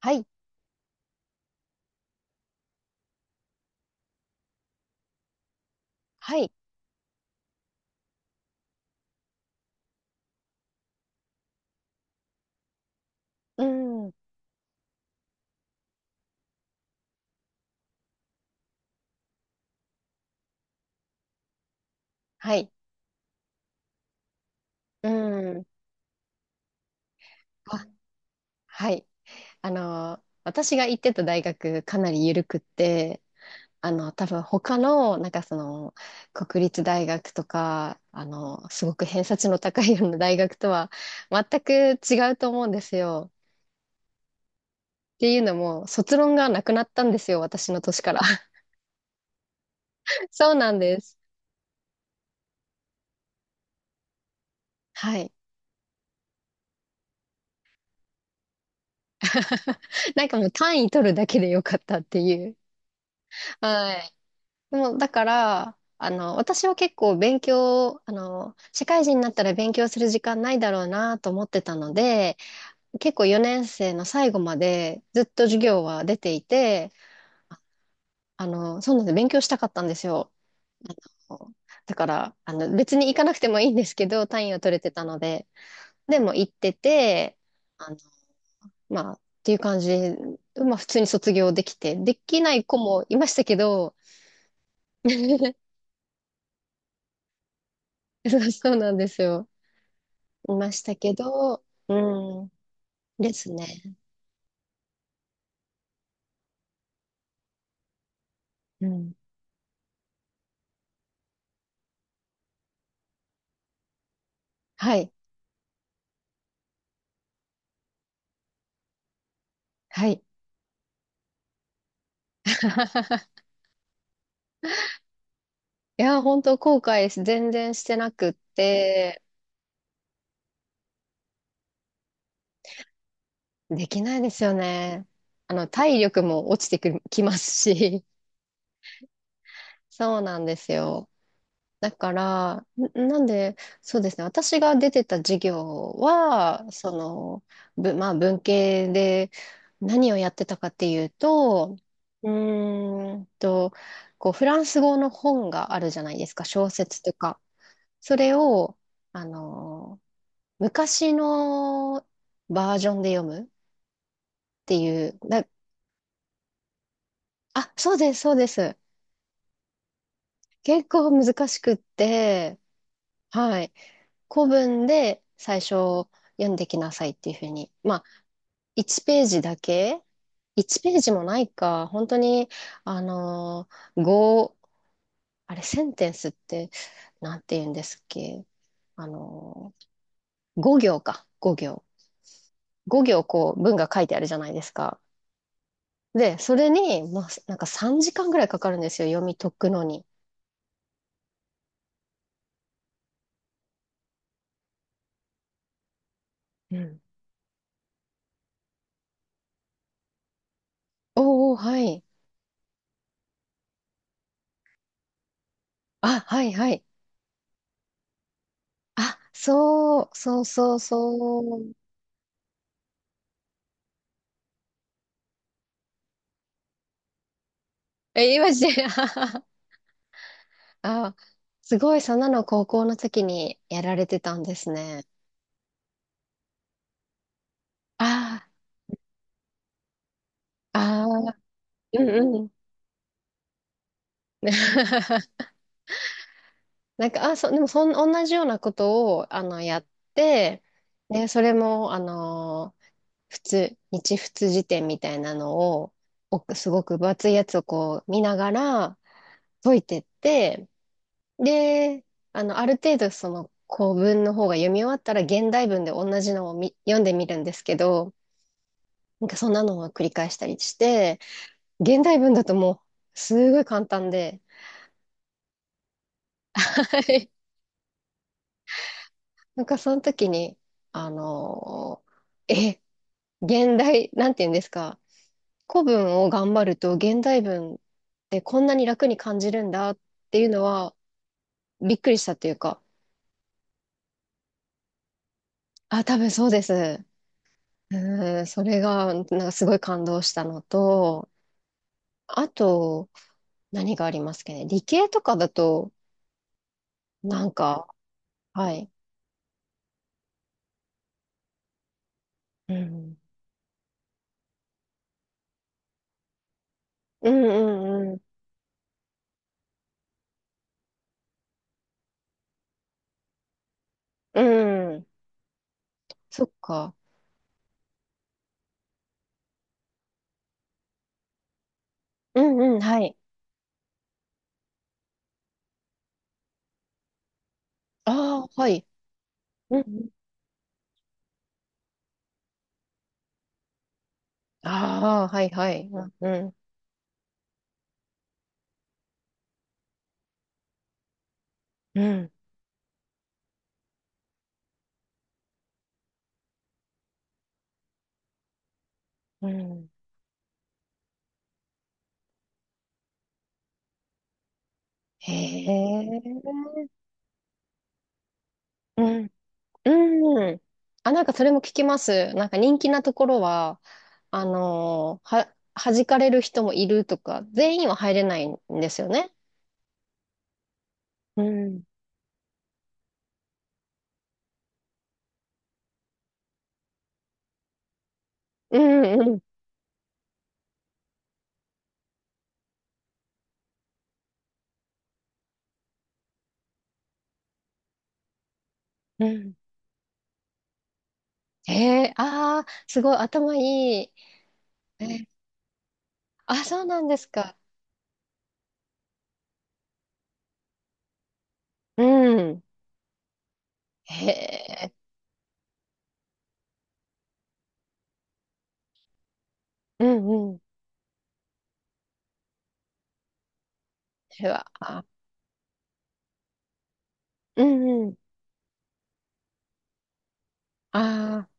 はい、はい、うん、はい、うん。あ、はい。私が行ってた大学かなり緩くって、多分他の、なんかその、国立大学とか、すごく偏差値の高いような大学とは全く違うと思うんですよ。っていうのも、卒論がなくなったんですよ、私の年から。そうなんです。はい。なんかもう単位取るだけでよかったっていう。はい。でも、だから、私は結構勉強、あの、社会人になったら勉強する時間ないだろうなと思ってたので、結構4年生の最後までずっと授業は出ていて、あそうなんです、勉強したかったんですよ。あのだから、別に行かなくてもいいんですけど、単位を取れてたので、でも行ってて、あの、まあ、っていう感じで、まあ、普通に卒業できて、できない子もいましたけど、そうそうなんですよ。いましたけど、うん、ですね。うん。はい。はい。いや、本当後悔全然してなくって、できないですよね。体力も落ちてきますし。そうなんですよ。だから、なんで、そうですね、私が出てた授業は、まあ、文系で何をやってたかっていうと、うーんと、こう、フランス語の本があるじゃないですか、小説とか。それを、あの、昔のバージョンで読むっていう、あ、そうです、そうです。結構難しくって、はい。古文で最初読んできなさいっていうふうに。まあ、1ページだけ ?1 ページもないか。本当に、あのー、ごあれ、センテンスって、なんて言うんですっけ。あの5行か。5行。5行こう、文が書いてあるじゃないですか。で、それに、まあ、なんか3時間ぐらいかかるんですよ。読み解くのに。うん。おお、はい。あ、はい、はい。あ、そう、そうそうそう。え、今して。あ、すごい、そんなの高校の時にやられてたんですね。ああ、ああ、うんうん。なんか、でも同じようなことを、やって、で、それも、普通、日仏辞典みたいなのを、すごく分厚いやつをこう見ながら解いてって、で、ある程度その古文の方が読み終わったら現代文で同じのを読んでみるんですけど、なんかそんなのを繰り返したりして、現代文だともうすごい簡単で、はい。なんかその時に、あのーえ、現代、なんて言うんですか、古文を頑張ると現代文ってこんなに楽に感じるんだっていうのはびっくりしたっていうか、あ、多分そうです。うん、それがなんかすごい感動したのと、あと何がありますかね、理系とかだと、なんか、はい。うんうんうんうん。そっか。うんうん、はい。ああ、はい。うん。ああ、はいはい。うん、うん、うん。へえ。うん、うん。あ、なんかそれも聞きます。なんか人気なところは、弾かれる人もいるとか、全員は入れないんですよね。うん。うん、うん、うん。へえ、ああ、すごい頭いい。えそうなんですか。うん。へえ、うん、では、あうんうん。ああ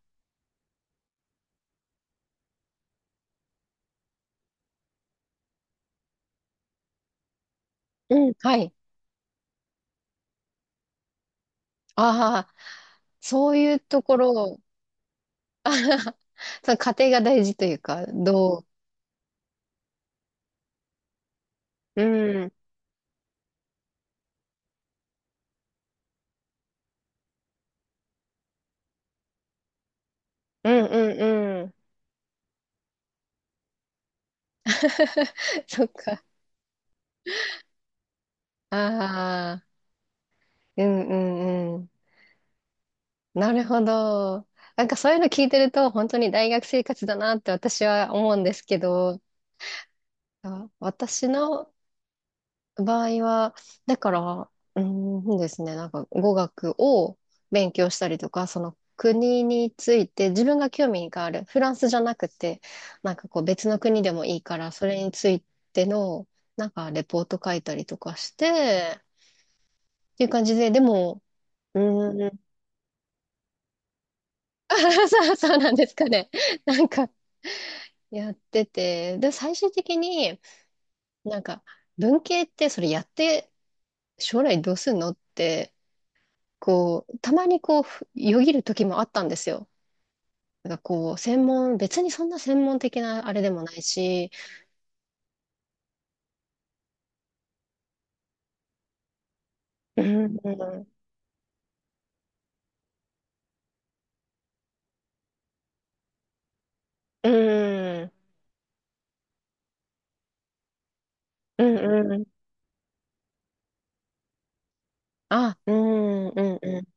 うん。はい。ああ、そういうところを、あははその過程が大事というか、うん。うんうんうん。そっか。ああ、うんうんうん。なるほど。なんかそういうの聞いてると、本当に大学生活だなって私は思うんですけど、私の場合は、だから、ですね、なんか語学を勉強したりとか、その国について自分が興味がある、フランスじゃなくて、なんかこう別の国でもいいから、それについての、なんかレポート書いたりとかして、っていう感じで、でも、うーん、そうそうなんですかね。なんかやってて、で、最終的になんか文系ってそれやって将来どうすんのって、こう、たまにこう、よぎる時もあったんですよ。なんかこう、別にそんな専門的なあれでもないし、うん、うん、うん、うん、うん、あ、うん、うん、うん、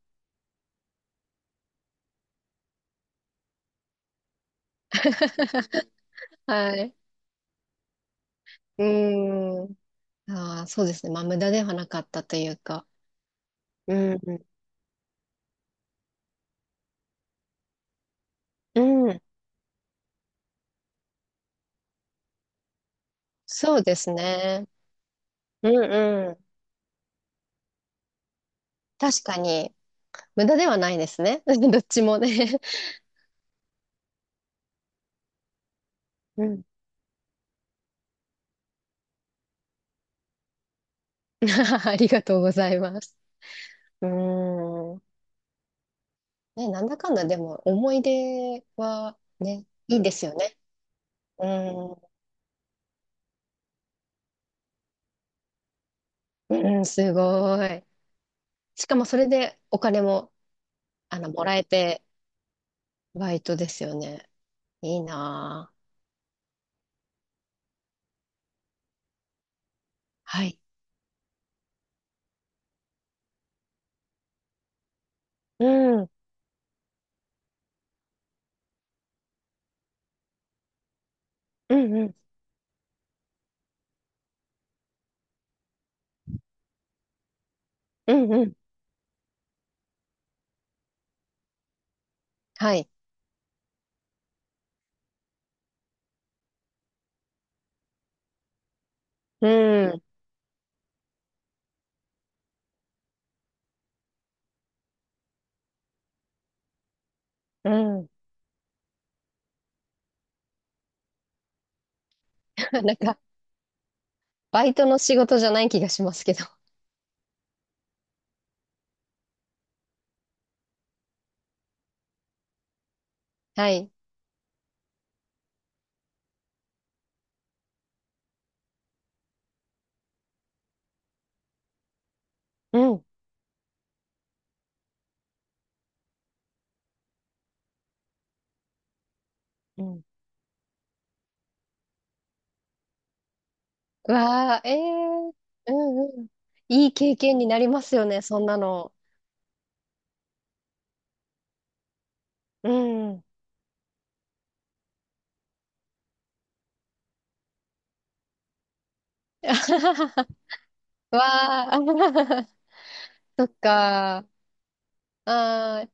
はい、うん、そうですね。まあ、無駄ではなかったというか、うん、うん、そうですね。うん、うん、確かに、無駄ではないですね。どっちもね。うん、ありがとうございます。うん。ね、なんだかんだでも思い出はね、いいですよね。うん、うん、すごい。しかもそれでお金も、もらえて、バイトですよね。いいなぁ。はい。うん、うん、うん、うん、うん。はい。うん、うん。なんか、バイトの仕事じゃない気がしますけど。はい。うん、うん。うわぁ、えー、うん、うん。いい経験になりますよね、そんなの。うん。わあ、そっか。ああ。